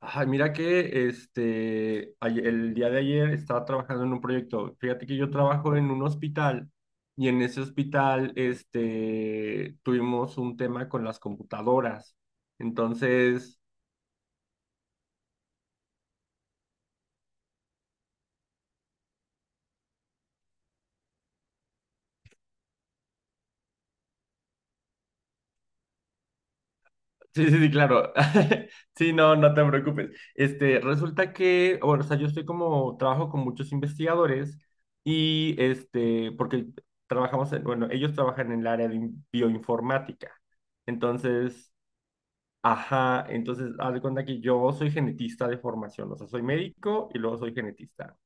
Ay, mira que el día de ayer estaba trabajando en un proyecto. Fíjate que yo trabajo en un hospital y en ese hospital tuvimos un tema con las computadoras. Entonces, sí, sí, sí, claro. Sí, no, no te preocupes. Resulta que, bueno, o sea, yo estoy como, trabajo con muchos investigadores y porque trabajamos bueno, ellos trabajan en el área de bioinformática. Entonces, ajá, entonces haz de cuenta que yo soy genetista de formación, o sea, soy médico y luego soy genetista.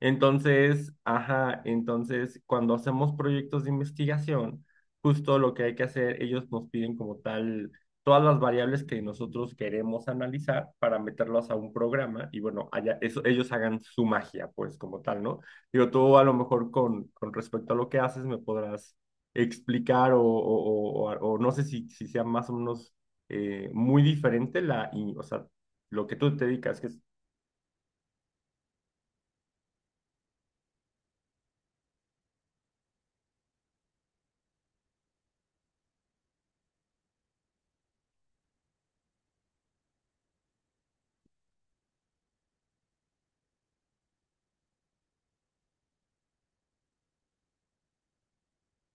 Entonces, ajá, entonces cuando hacemos proyectos de investigación, justo lo que hay que hacer, ellos nos piden como tal todas las variables que nosotros queremos analizar para meterlas a un programa y bueno, allá, eso, ellos hagan su magia, pues como tal, ¿no? Digo, tú a lo mejor con respecto a lo que haces me podrás explicar o no sé si sea más o menos muy diferente o sea, lo que tú te dedicas, que es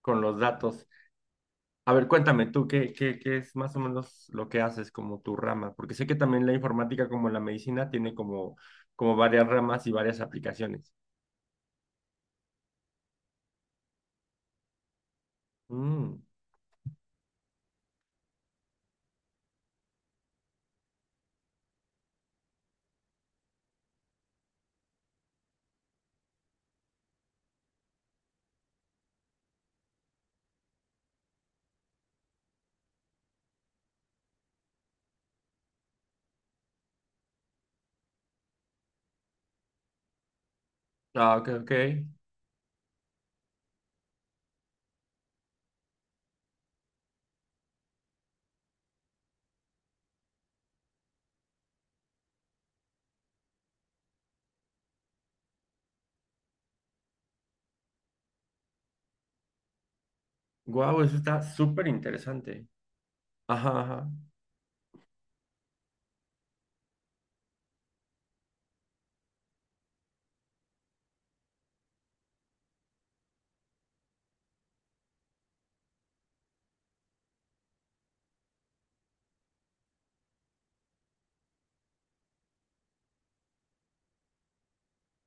con los datos. A ver, cuéntame tú, qué es más o menos lo que haces como tu rama? Porque sé que también la informática, como la medicina, tiene como varias ramas y varias aplicaciones. Mm. Ah, ok, ok. Guau, eso está súper interesante. Ajá, ajá.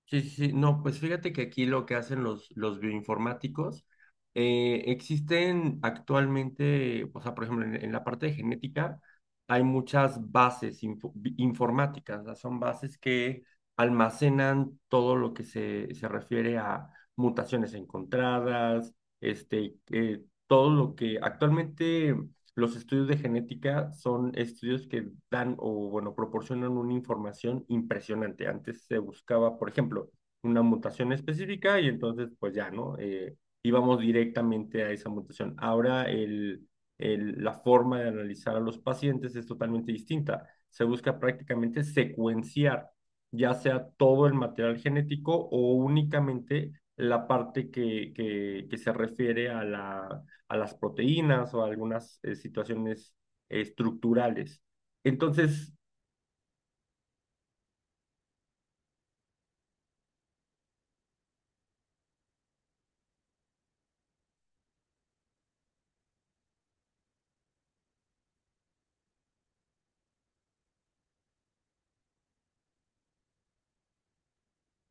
Sí, sí, sí. No, pues fíjate que aquí lo que hacen los bioinformáticos, existen actualmente, o sea, por ejemplo, en la parte de genética hay muchas bases informáticas, ¿no? Son bases que almacenan todo lo que se refiere a mutaciones encontradas, todo lo que actualmente los estudios de genética son estudios que dan o, bueno, proporcionan una información impresionante. Antes se buscaba, por ejemplo, una mutación específica y entonces, pues ya, ¿no? Íbamos directamente a esa mutación. Ahora la forma de analizar a los pacientes es totalmente distinta. Se busca prácticamente secuenciar ya sea todo el material genético o únicamente la parte que se refiere a la a las proteínas o a algunas situaciones estructurales. Entonces,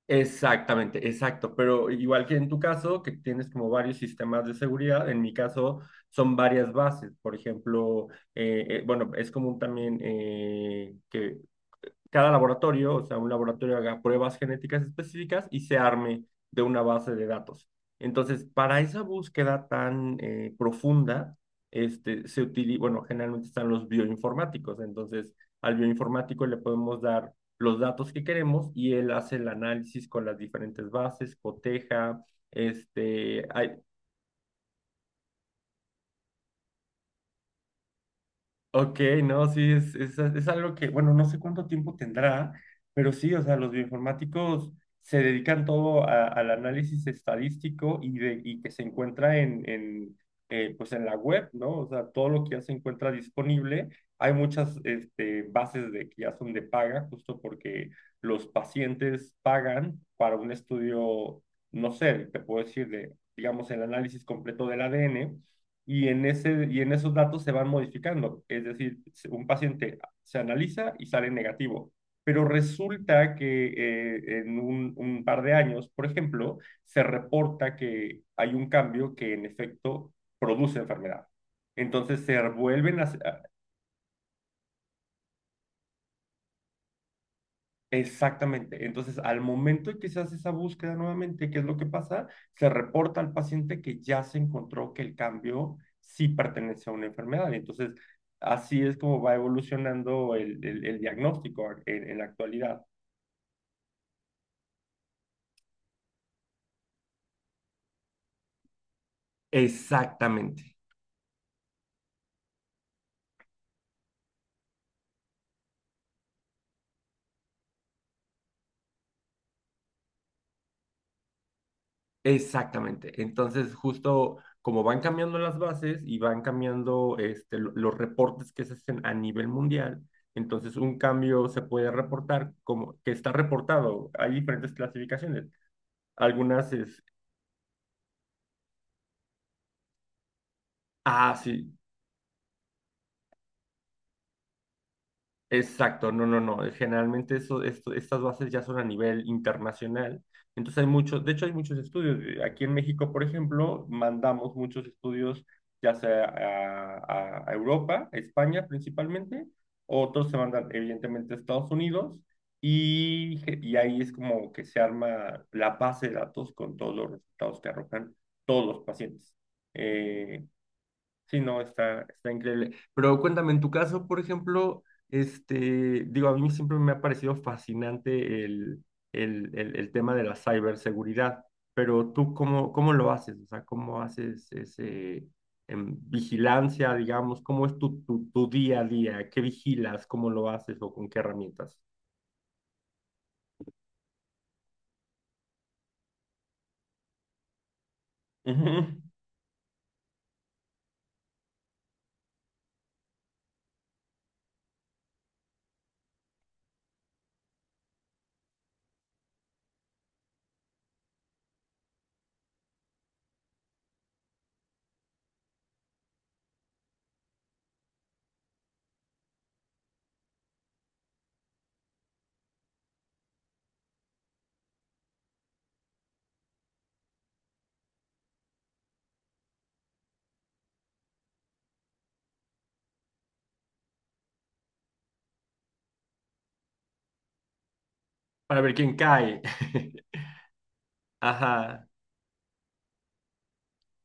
exactamente, exacto, pero igual que en tu caso, que tienes como varios sistemas de seguridad, en mi caso son varias bases, por ejemplo, bueno, es común también que cada laboratorio, o sea, un laboratorio haga pruebas genéticas específicas y se arme de una base de datos. Entonces, para esa búsqueda tan profunda, se utiliza, bueno, generalmente están los bioinformáticos. Entonces, al bioinformático le podemos dar los datos que queremos y él hace el análisis con las diferentes bases, coteja, este, hay, ok, no, sí, es algo que, bueno, no sé cuánto tiempo tendrá, pero sí, o sea, los bioinformáticos se dedican todo al análisis estadístico y que se encuentra pues en la web, ¿no? O sea, todo lo que ya se encuentra disponible. Hay muchas bases de, que ya son de paga, justo porque los pacientes pagan para un estudio, no sé, te puedo decir, de, digamos, el análisis completo del ADN y en esos datos se van modificando. Es decir, un paciente se analiza y sale negativo. Pero resulta que un par de años, por ejemplo, se reporta que hay un cambio que en efecto produce enfermedad. Entonces se vuelven a, exactamente. Entonces, al momento en que se hace esa búsqueda nuevamente, ¿qué es lo que pasa? Se reporta al paciente que ya se encontró que el cambio sí pertenece a una enfermedad. Entonces, así es como va evolucionando el diagnóstico en la actualidad. Exactamente, exactamente. Entonces, justo como van cambiando las bases y van cambiando los reportes que se hacen a nivel mundial, entonces un cambio se puede reportar como que está reportado. Hay diferentes clasificaciones algunas es, ah, sí, exacto, no, no, no. Generalmente estas bases ya son a nivel internacional. Entonces hay muchos, de hecho hay muchos estudios. Aquí en México, por ejemplo, mandamos muchos estudios ya sea a Europa, a España principalmente, otros se mandan evidentemente a Estados Unidos y, y ahí es como que se arma la base de datos con todos los resultados que arrojan todos los pacientes. Eh, sí, no, está, está increíble. Pero cuéntame, en tu caso, por ejemplo, este, digo, a mí siempre me ha parecido fascinante el tema de la ciberseguridad, pero tú, ¿cómo, cómo lo haces? O sea, ¿cómo haces ese, em, vigilancia, digamos? ¿Cómo es tu día a día? ¿Qué vigilas? ¿Cómo lo haces o con qué herramientas? Ujú. Para ver quién cae. Ajá,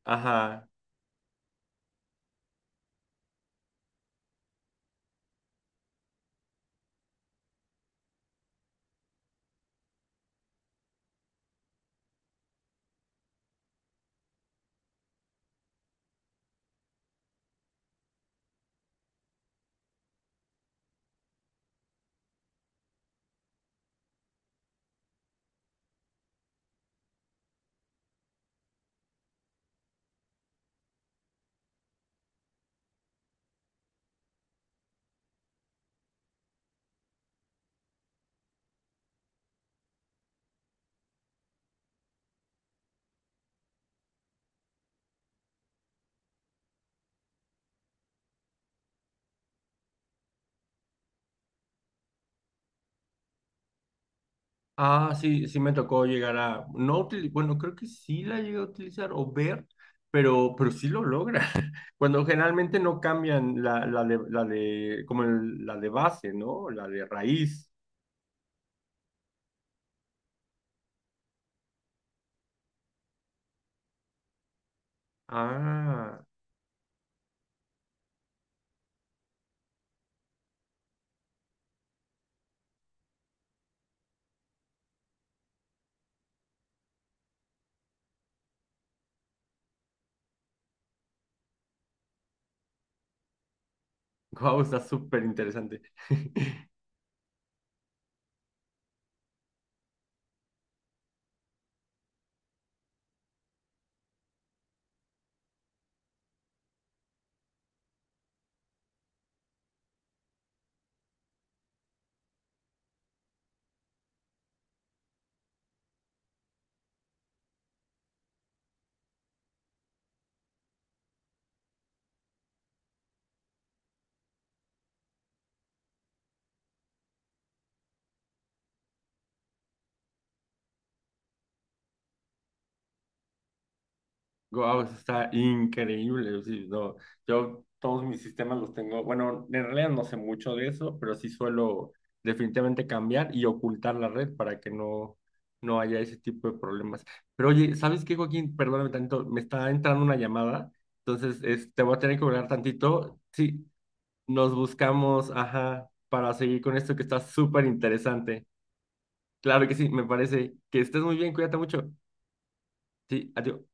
ajá. Ah, sí, sí me tocó llegar a, no utili- bueno, creo que sí la llegué a utilizar o ver, pero sí lo logra. Cuando generalmente no cambian la de, como la de base, ¿no? La de raíz. Ah, wow, está súper interesante. Guau, eso está increíble. O sí, no, yo todos mis sistemas los tengo. Bueno, en realidad no sé mucho de eso, pero sí suelo definitivamente cambiar y ocultar la red para que no, no haya ese tipo de problemas. Pero oye, ¿sabes qué, Joaquín? Perdóname tantito, me está entrando una llamada, entonces te voy a tener que hablar tantito. Sí, nos buscamos, ajá, para seguir con esto que está súper interesante. Claro que sí, me parece que estés muy bien, cuídate mucho. Sí, adiós.